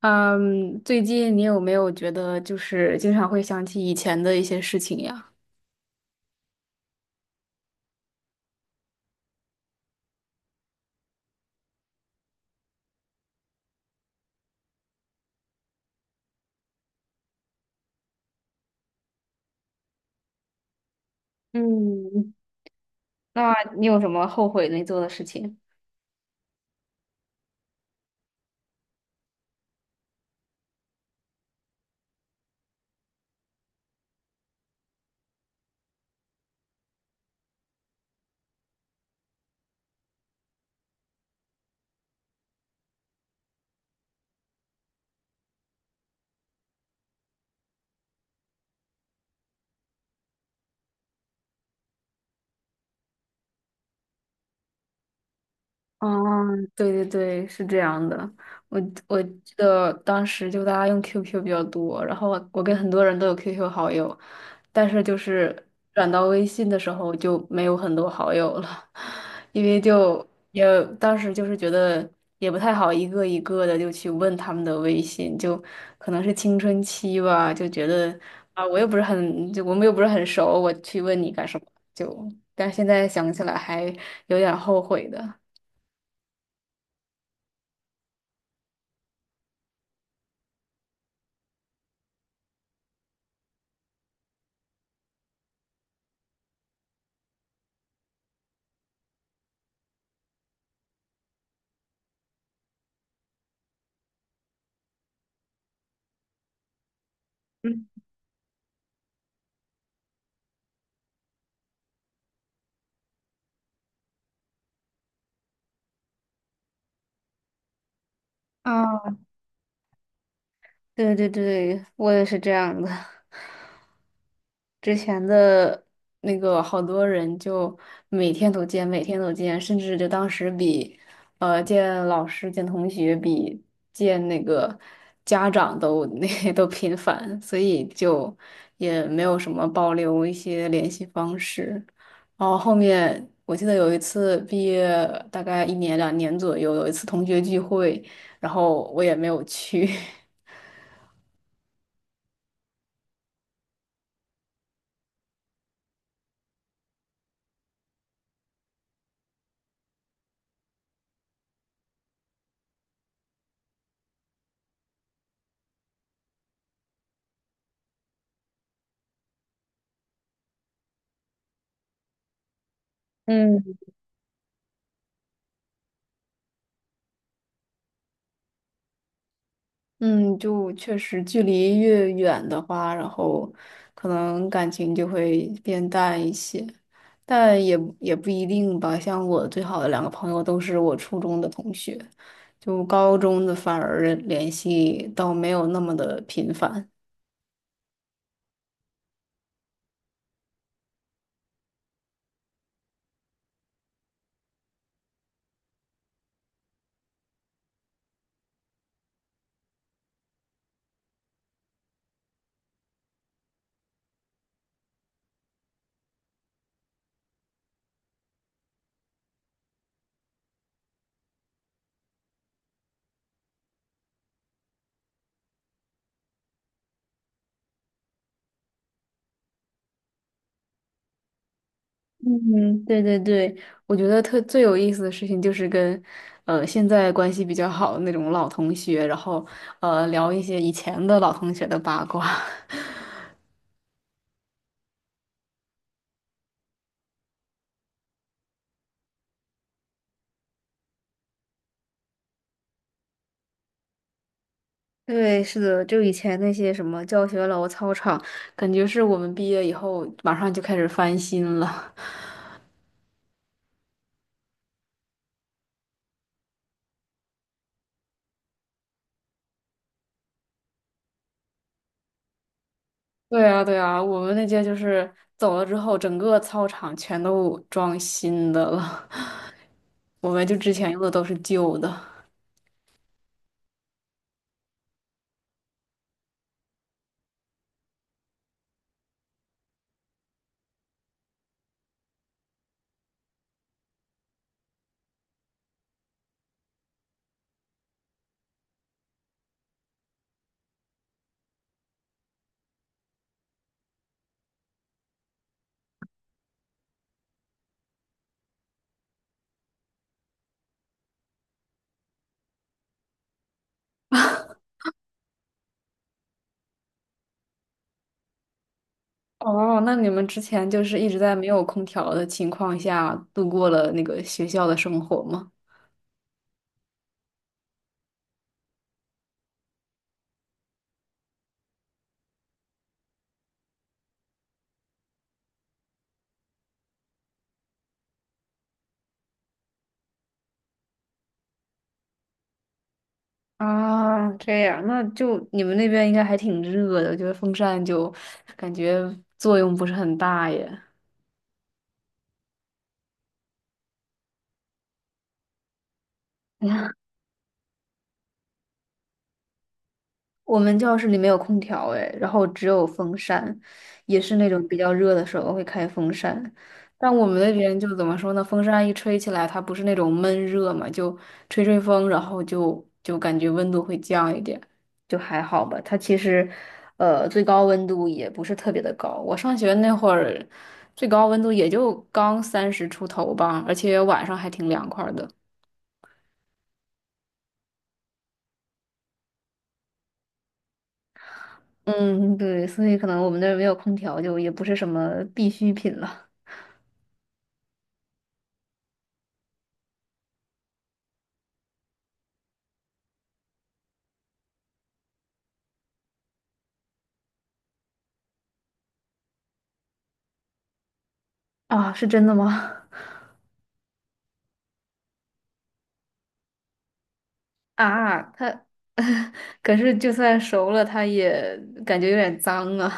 嗯，最近你有没有觉得就是经常会想起以前的一些事情呀？嗯，那你有什么后悔没做的事情？哦，对对对，是这样的。我我记得当时就大家用 QQ 比较多，然后我跟很多人都有 QQ 好友，但是就是转到微信的时候就没有很多好友了。因为就也当时就是觉得也不太好一个一个的就去问他们的微信，就可能是青春期吧，就觉得啊我又不是很就我们又不是很熟，我去问你干什么？就但是现在想起来还有点后悔的。啊，对对对，我也是这样的。之前的那个好多人就每天都见，每天都见，甚至就当时比，见老师、见同学比见那个家长都 那都频繁，所以就也没有什么保留一些联系方式。然后后面我记得有一次毕业大概一年两年左右，有一次同学聚会，然后我也没有去。嗯。嗯，就确实距离越远的话，然后可能感情就会变淡一些，但也不一定吧。像我最好的两个朋友都是我初中的同学，就高中的反而联系倒没有那么的频繁。嗯，对对对，我觉得特最有意思的事情就是跟，现在关系比较好的那种老同学，然后聊一些以前的老同学的八卦。对，是的，就以前那些什么教学楼、操场，感觉是我们毕业以后马上就开始翻新了。对啊，对啊，我们那届就是走了之后，整个操场全都装新的了，我们就之前用的都是旧的。哦，那你们之前就是一直在没有空调的情况下度过了那个学校的生活吗？啊，这样，那就你们那边应该还挺热的，我觉得风扇就感觉作用不是很大耶。我们教室里没有空调哎，然后只有风扇，也是那种比较热的时候会开风扇。但我们那边就怎么说呢？风扇一吹起来，它不是那种闷热嘛，就吹吹风，然后就感觉温度会降一点，就还好吧。它其实，最高温度也不是特别的高。我上学那会儿，最高温度也就刚30出头吧，而且晚上还挺凉快儿的。嗯，对，所以可能我们那儿没有空调，就也不是什么必需品了。啊，是真的吗？啊，它 可是就算熟了，它也感觉有点脏啊。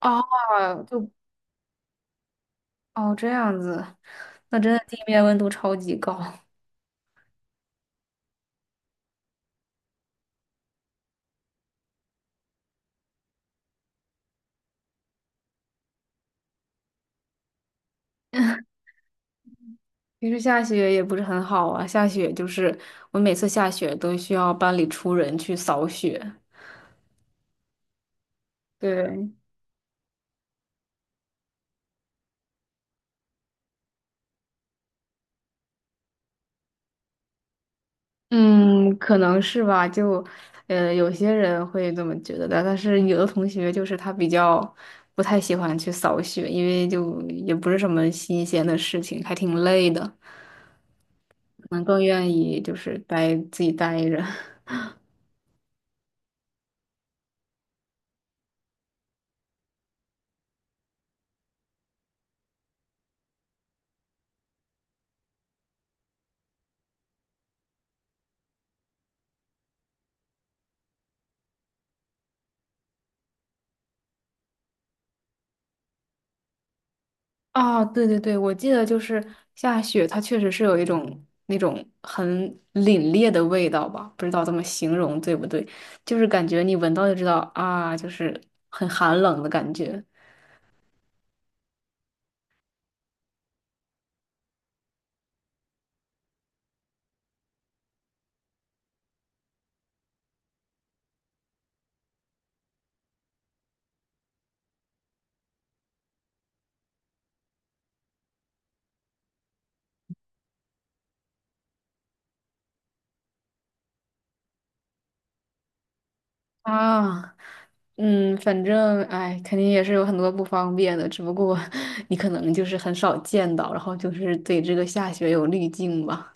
哦，就哦这样子，那真的地面温度超级高。其实下雪也不是很好啊，下雪就是我每次下雪都需要班里出人去扫雪。对，嗯，可能是吧，就，有些人会这么觉得的，但是有的同学就是他比较不太喜欢去扫雪，因为就也不是什么新鲜的事情，还挺累的，可能更愿意就是待自己待着。啊，对对对，我记得就是下雪，它确实是有一种那种很凛冽的味道吧，不知道怎么形容对不对，就是感觉你闻到就知道啊，就是很寒冷的感觉。啊，反正哎，肯定也是有很多不方便的，只不过你可能就是很少见到，然后就是对这个下雪有滤镜吧。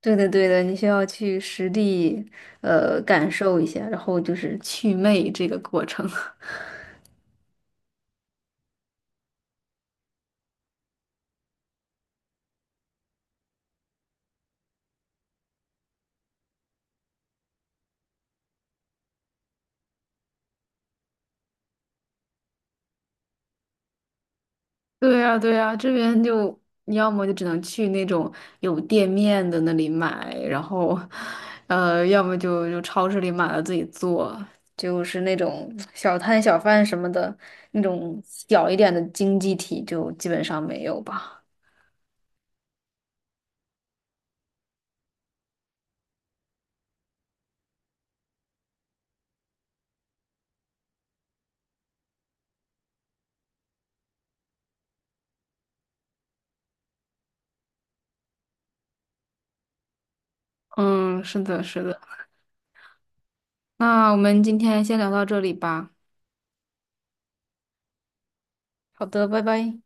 对的，对的，你需要去实地感受一下，然后就是祛魅这个过程。对呀，对呀，这边就你要么就只能去那种有店面的那里买，然后，要么就超市里买了自己做，就是那种小摊小贩什么的，那种小一点的经济体就基本上没有吧。嗯，是的，是的。那我们今天先聊到这里吧。好的，拜拜。